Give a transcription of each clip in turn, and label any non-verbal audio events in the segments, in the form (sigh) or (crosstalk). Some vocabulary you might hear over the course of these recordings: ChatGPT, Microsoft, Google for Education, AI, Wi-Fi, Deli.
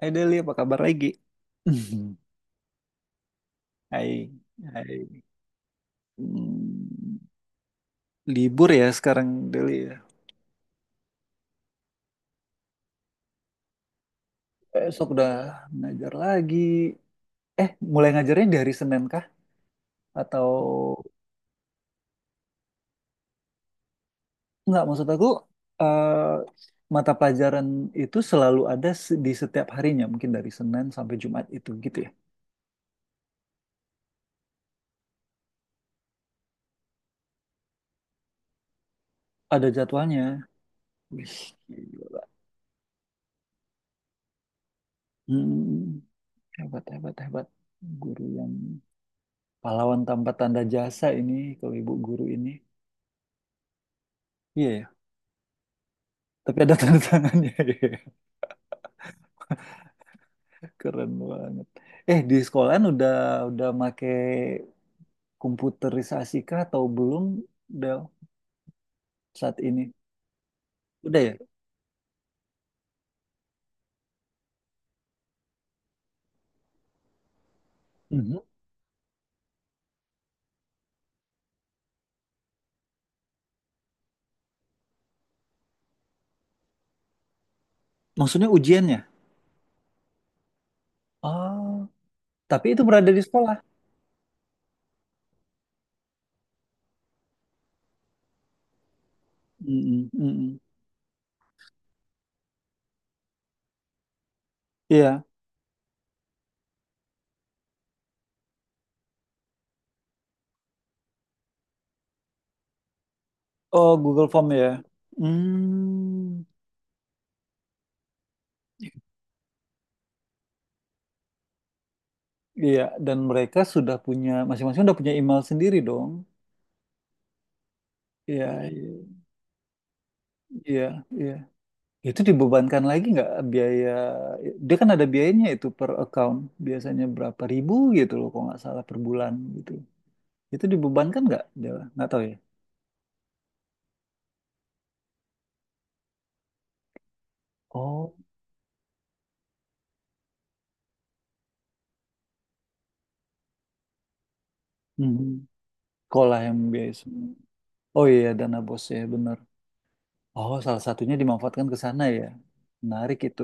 Hai Deli, apa kabar lagi? (laughs) Hai, hai. Hmm, Libur ya sekarang Deli ya. Besok udah ngajar lagi. Eh, mulai ngajarnya dari Senin kah? Atau enggak, maksud aku eh, mata pelajaran itu selalu ada di setiap harinya, mungkin dari Senin sampai Jumat itu gitu ya. Ada jadwalnya. Wih, gila. Hmm, Hebat, hebat, hebat. Guru yang pahlawan tanpa tanda jasa ini, kalau ibu guru ini. Iya. Tapi ada tanda tangannya. (laughs) Keren banget. Di sekolahan udah make komputerisasi kah atau belum Del saat ini? Udah ya? Mhm. Maksudnya ujiannya? Oh, tapi itu berada di sekolah. Mm-mm, mm-mm. Iya. Oh, Google Form ya. Hmm, iya. Dan mereka sudah punya, masing-masing udah punya email sendiri dong. Iya, iya, iya. Iya. Itu dibebankan lagi nggak biaya? Dia kan ada biayanya itu per account. Biasanya berapa ribu gitu loh, kalau nggak salah per bulan gitu. Itu dibebankan nggak? Dia nggak tahu ya. Oh, mhm. Sekolah yang biaya semua. Oh iya, dana bos ya benar. Oh, salah satunya dimanfaatkan ke sana ya. Menarik itu.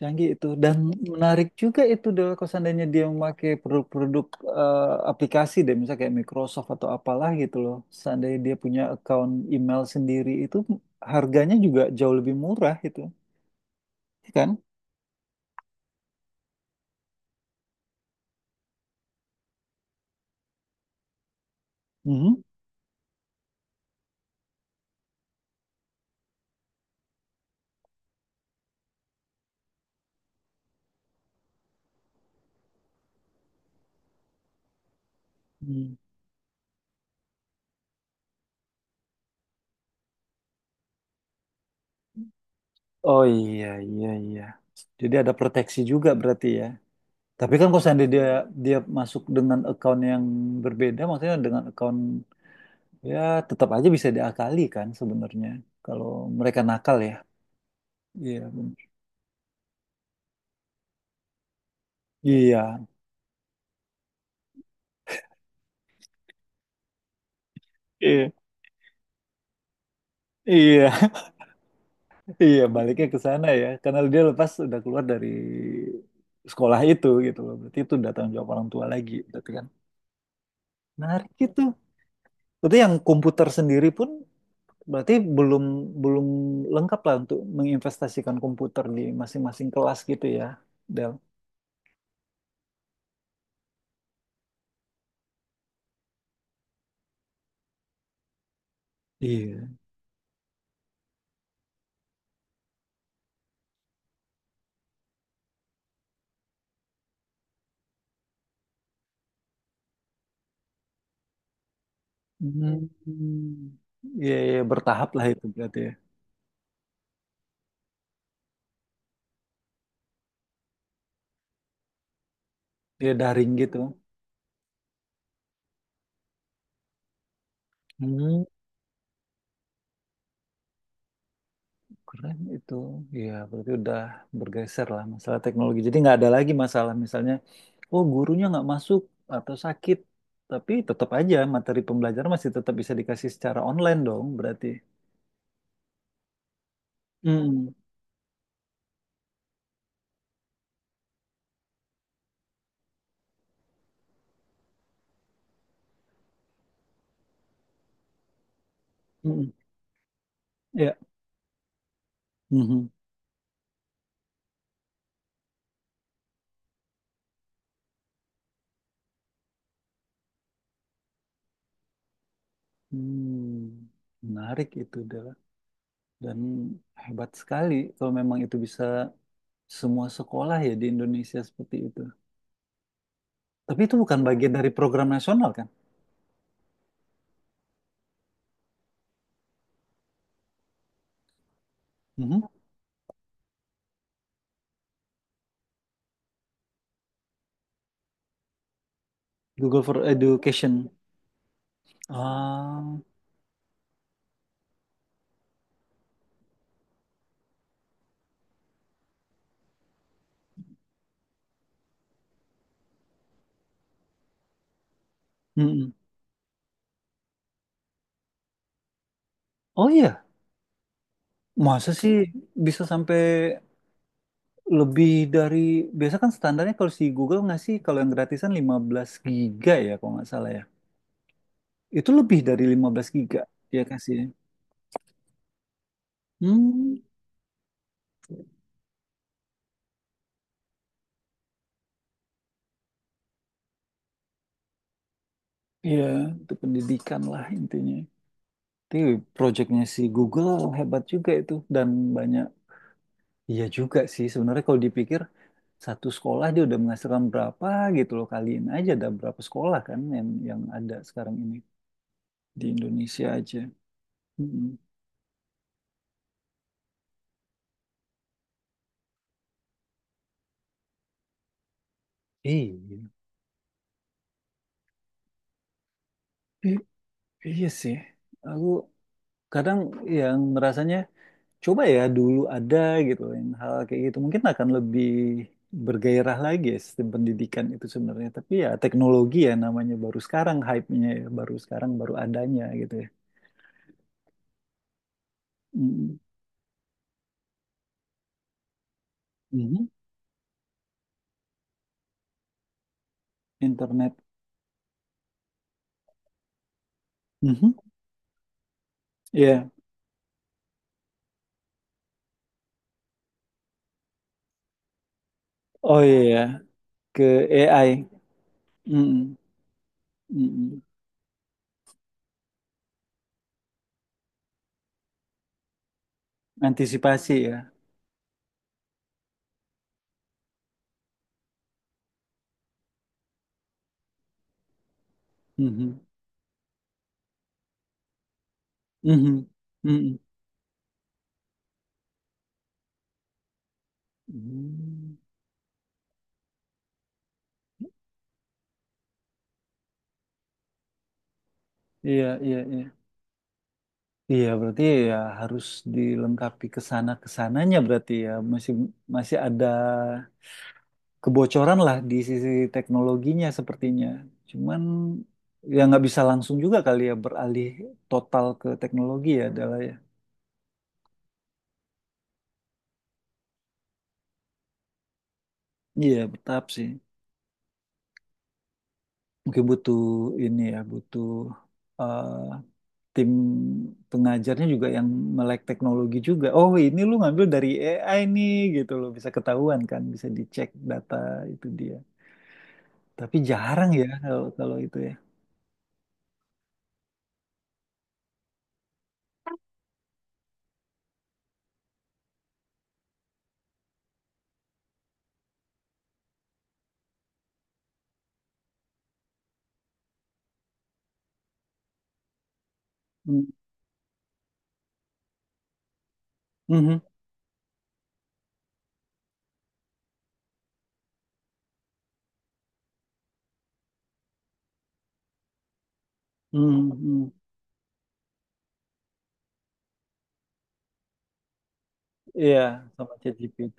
Canggih itu dan menarik juga itu Del kalau seandainya dia memakai produk-produk eh, aplikasi deh misalnya kayak Microsoft atau apalah gitu loh. Seandainya dia punya account email sendiri itu harganya juga jauh lebih murah itu, ya kan? Mhm. Hmm. Oh iya iya iya. Jadi ada proteksi juga berarti ya. Tapi kan kalau seandainya dia dia masuk dengan account yang berbeda maksudnya dengan account ya tetap aja bisa diakali kan sebenarnya kalau mereka nakal ya. Iya, iya, iya. Iya, (laughs) iya, baliknya ke sana ya. Karena dia lepas udah keluar dari sekolah itu gitu loh. Berarti itu udah tanggung jawab orang tua lagi, berarti kan. Menarik itu. Berarti yang komputer sendiri pun berarti belum belum lengkap lah untuk menginvestasikan komputer di masing-masing kelas gitu ya, Del. Iya. Hmm. Iya, iya, bertahap lah itu berarti ya. Dia daring gitu. Hmm. Keren itu. Ya, berarti udah bergeser lah masalah teknologi. Jadi nggak ada lagi masalah misalnya, oh gurunya nggak masuk atau sakit. Tapi tetap aja materi pembelajaran masih tetap bisa dikasih secara online dong berarti. Hmm, hmm, ya. Mhm. Hmm, Menarik itu adalah dan hebat sekali kalau memang itu bisa semua sekolah ya di Indonesia seperti itu. Tapi itu bukan bagian dari program nasional kan? Mhm. Google for Education. Ah, mhm. Oh iya, masa sih bisa sampai lebih dari biasa kan standarnya kalau si Google ngasih kalau yang gratisan 15 giga ya kalau nggak salah ya. Itu lebih dari 15 giga ya kasih. Ya. Hmm, iya, itu pendidikan lah intinya. Tapi projectnya si Google hebat juga itu dan banyak iya juga sih sebenarnya kalau dipikir satu sekolah dia udah menghasilkan berapa gitu loh kaliin aja ada berapa sekolah kan yang ada sekarang ini di Indonesia aja. Mm-mm. Iya. I- iya sih. Aku kadang yang ngerasanya coba ya dulu ada gitu yang hal kayak gitu mungkin akan lebih bergairah lagi ya sistem pendidikan itu sebenarnya. Tapi ya teknologi ya namanya baru sekarang hype-nya ya baru sekarang baru adanya gitu ya. Mm, mhm. Internet. Mhm. Iya. Oh iya ya. Ke AI. Mm, mm. Antisipasi ya. Mhm. Mhm. Mhm. Hmm. Iya, iya, iya. Iya, berarti ya harus dilengkapi ke sana kesananya berarti ya masih masih ada kebocoran lah di sisi teknologinya sepertinya. Cuman ya nggak bisa langsung juga kali ya beralih total ke teknologi ya adalah ya. Iya, bertahap sih. Mungkin butuh ini ya, butuh eh, tim pengajarnya juga yang melek teknologi juga. Oh, ini lu ngambil dari AI nih gitu loh, bisa ketahuan kan, bisa dicek data itu dia. Tapi jarang ya kalau kalau itu ya. Hmm. Mhm. Mhm, mhm. Iya, sama ChatGPT.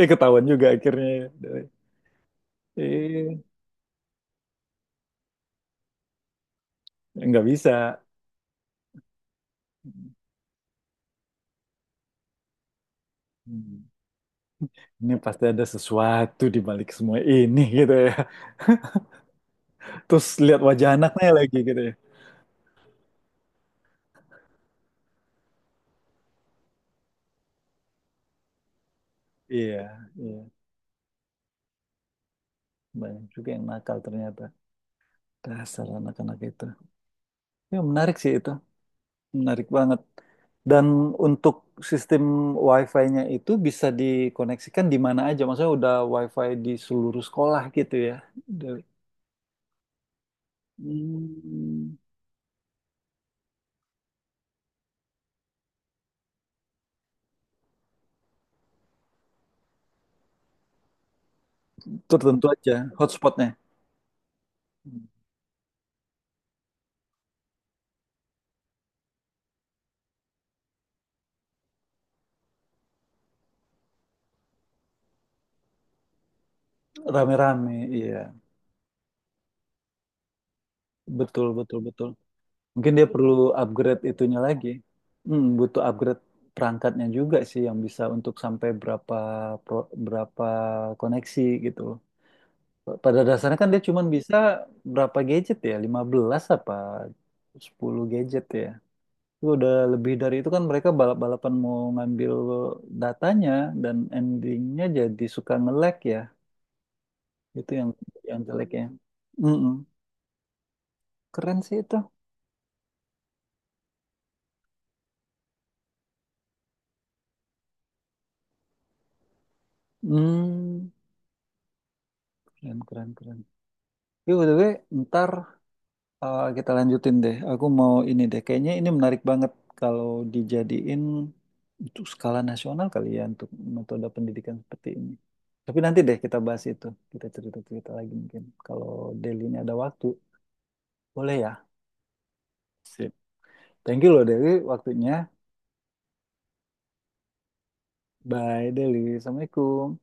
Eh ketahuan juga akhirnya. Ya. Eh, nggak bisa. Hmm. Ini pasti ada sesuatu di balik semua ini gitu ya. Terus lihat wajah anaknya lagi gitu ya. Iya, iya. Banyak juga yang nakal ternyata. Dasar anak-anak itu. Ya menarik sih itu. Menarik banget. Dan untuk sistem Wi-Fi-nya itu bisa dikoneksikan di mana aja. Maksudnya udah Wi-Fi di seluruh sekolah gitu ya. Dari- Hmm, Tertentu aja hotspotnya. Rame-rame, iya. Betul, betul, betul. Mungkin dia perlu upgrade itunya lagi. Butuh upgrade perangkatnya juga sih yang bisa untuk sampai berapa berapa koneksi gitu. Pada dasarnya kan dia cuma bisa berapa gadget ya? 15 apa 10 gadget ya? Itu udah lebih dari itu kan mereka balap-balapan mau ngambil datanya dan endingnya jadi suka nge-lag ya. Itu yang jeleknya. Mm-mm. Keren sih itu. Hmm, Keren, keren, keren. Tapi by the way, ntar kita lanjutin deh. Aku mau ini deh. Kayaknya ini menarik banget kalau dijadiin untuk skala nasional kali ya untuk metode pendidikan seperti ini. Tapi nanti deh kita bahas itu. Kita cerita-cerita lagi mungkin. Kalau Deli ini ada waktu, boleh ya? Sip. Thank you loh Deli waktunya. Bye Deli. Assalamualaikum.